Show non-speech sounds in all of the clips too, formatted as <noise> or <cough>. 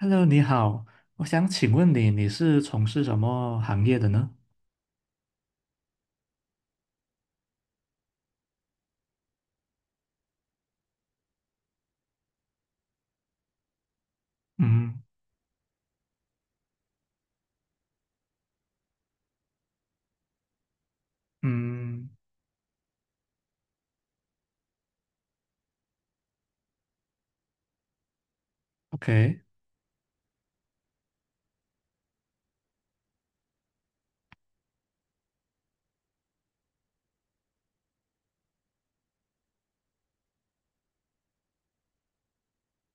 Hello，你好，我想请问你，你是从事什么行业的呢？嗯嗯，OK，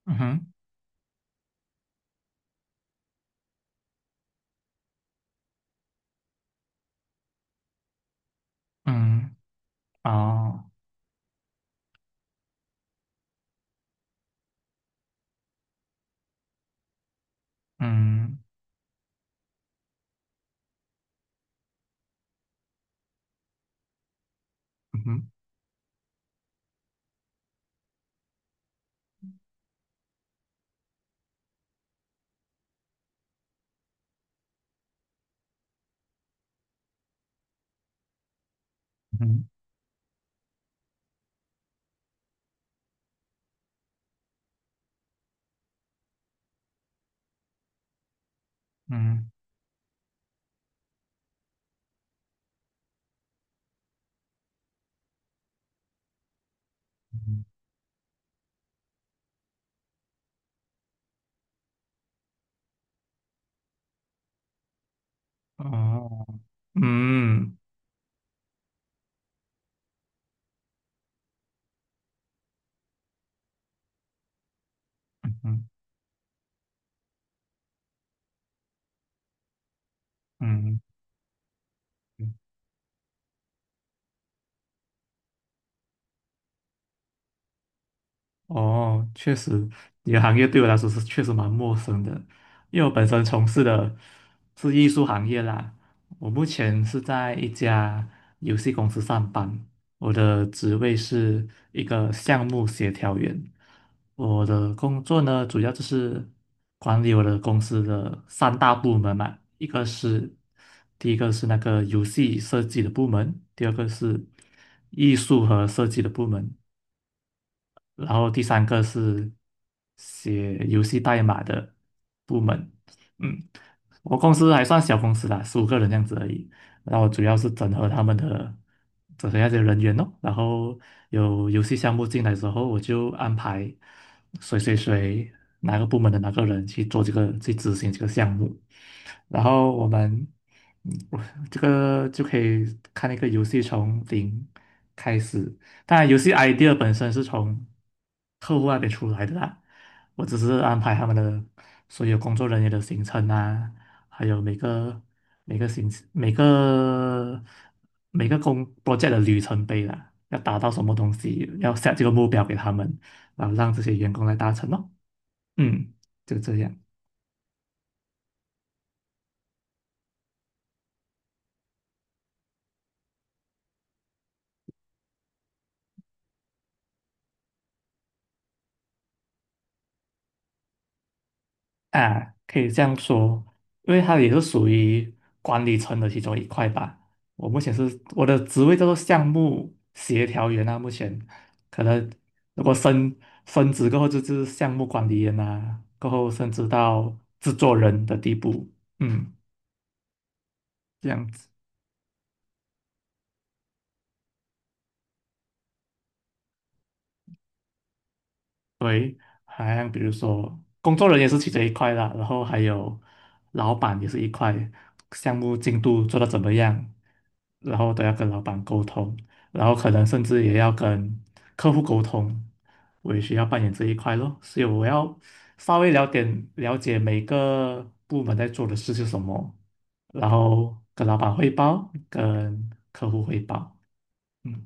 嗯哼，嗯，哦，嗯嗯哼嗯嗯嗯哦，嗯嗯嗯嗯哦，确实。你的行业对我来说是确实蛮陌生的，因为我本身从事的是艺术行业啦。我目前是在一家游戏公司上班，我的职位是一个项目协调员。我的工作呢，主要就是管理我的公司的三大部门嘛。一个是第一个是那个游戏设计的部门，第二个是艺术和设计的部门，然后第三个是写游戏代码的部门。嗯，我公司还算小公司啦，十五个人这样子而已。然后主要是整合他们的整合那些人员哦。然后有游戏项目进来之后，我就安排谁谁谁哪个部门的哪个人去做这个去执行这个项目。然后我们嗯我这个就可以看一个游戏从零开始。当然，游戏 idea 本身是从客户那边出来的啦，我只是安排他们的所有工作人员的行程啊，还有每个每个行每个每个工 project 的里程碑啦，要达到什么东西，要 set 这个目标给他们，然后让这些员工来达成咯。嗯，就这样。啊，可以这样说，因为它也是属于管理层的其中一块吧。我目前是我的职位叫做项目协调员啊。目前可能如果升职过后就是项目管理员啊，过后升职到制作人的地步。嗯，这样子。好像比如说工作人员是其中一块啦，然后还有老板也是一块，项目进度做得怎么样，然后都要跟老板沟通，然后可能甚至也要跟客户沟通，我也需要扮演这一块咯，所以我要稍微了解了解每个部门在做的事是什么，然后跟老板汇报，跟客户汇报。嗯，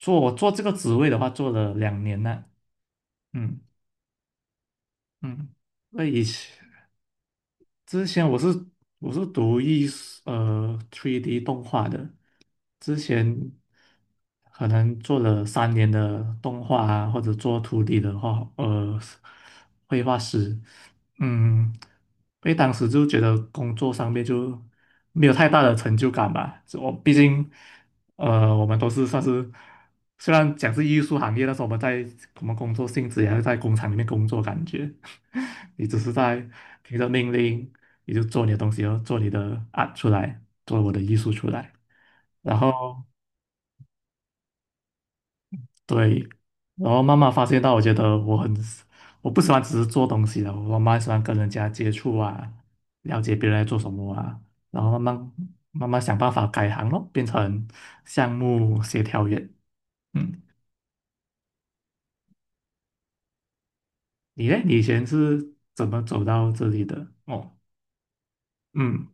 我做这个职位的话，做了两年了。嗯嗯。那以前之前我是读艺术3D 动画的。之前可能做了三年的动画啊，或者做徒 d 的画绘画师。嗯，因为当时就觉得工作上面就没有太大的成就感吧，我毕竟。我们都是算是，虽然讲是艺术行业，但是我们工作性质也是在工厂里面工作，感觉 <laughs> 你只是在听着命令，你就做你的东西，然后做你的 art 出来，做我的艺术出来。然后对，然后慢慢发现到，我觉得我很，我不喜欢只是做东西了，我蛮喜欢跟人家接触啊，了解别人在做什么啊，然后慢慢想办法改行咯，变成项目协调员。嗯。你呢？你以前是怎么走到这里的？哦，嗯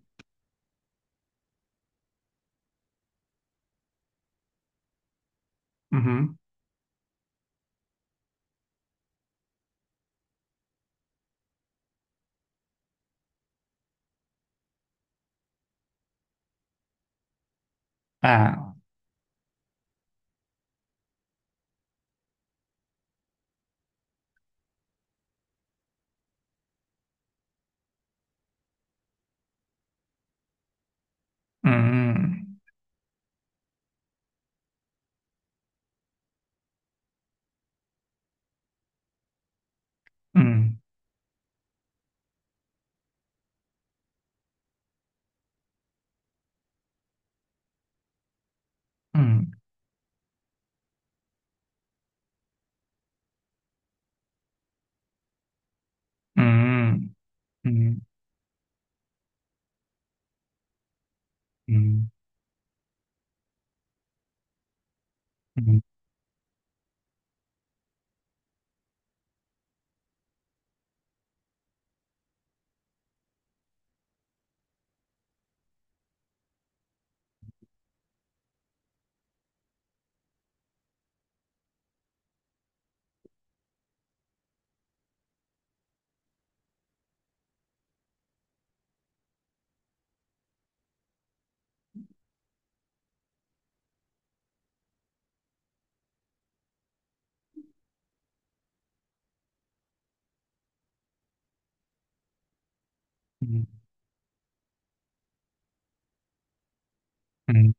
嗯哼啊，嗯嗯嗯嗯嗯嗯嗯嗯嗯嗯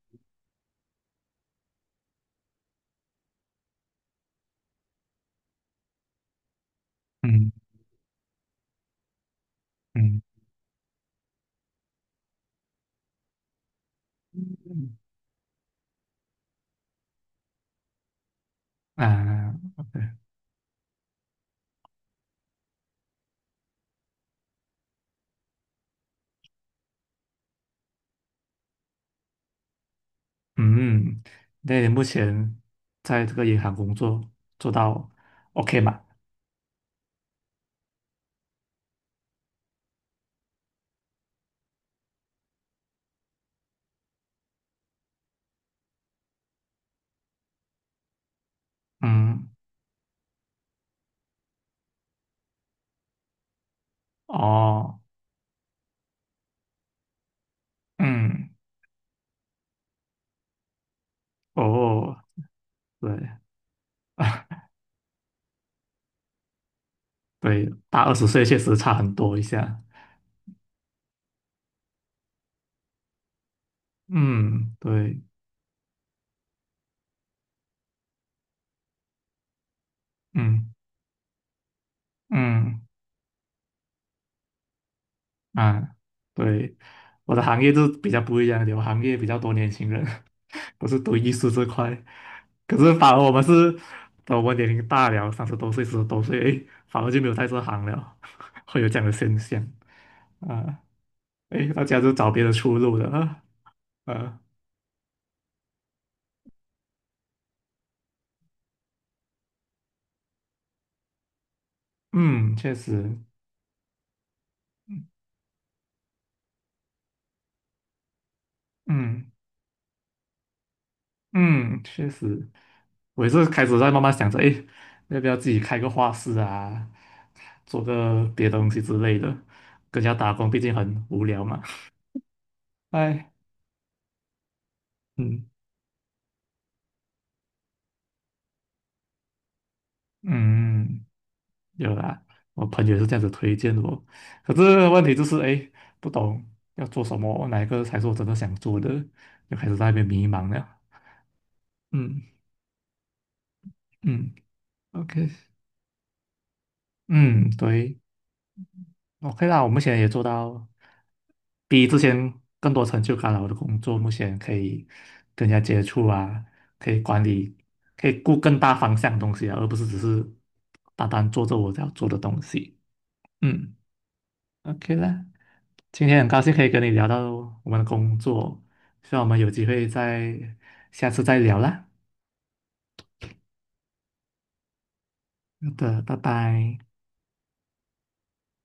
嗯嗯嗯啊，OK，嗯。那你目前在这个银行工作做到 OK 吗？嗯，哦，嗯，哦，对 <laughs> 对，大二十岁确实差很多一下。嗯对，嗯嗯。啊，对，我的行业就比较不一样一点，我行业比较多年轻人，<laughs> 我是读艺术这块。可是反而我们是，等我们年龄大了，三十多岁、四十多岁，诶，反而就没有在这行了，<laughs> 会有这样的现象。啊，诶，大家就找别的出路了啊。啊，嗯，确实，嗯嗯，嗯确实。我也是开始在慢慢想着，哎，要不要自己开个画室啊，做个别的东西之类的。跟人家打工毕竟很无聊嘛。哎，嗯嗯，有啦，我朋友也是这样子推荐我。可是问题就是，哎，不懂要做什么，哪一个才是我真的想做的，就开始在那边迷茫了。嗯嗯，OK，嗯，对。OK 啦，我目前也做到比之前更多成就感了。我的工作目前可以跟人家接触啊，可以管理，可以顾更大方向的东西啊，而不是只是单单做着我要做的东西。嗯，OK 啦，今天很高兴可以跟你聊到我们的工作，希望我们有机会再下次再聊啦。好的，拜拜。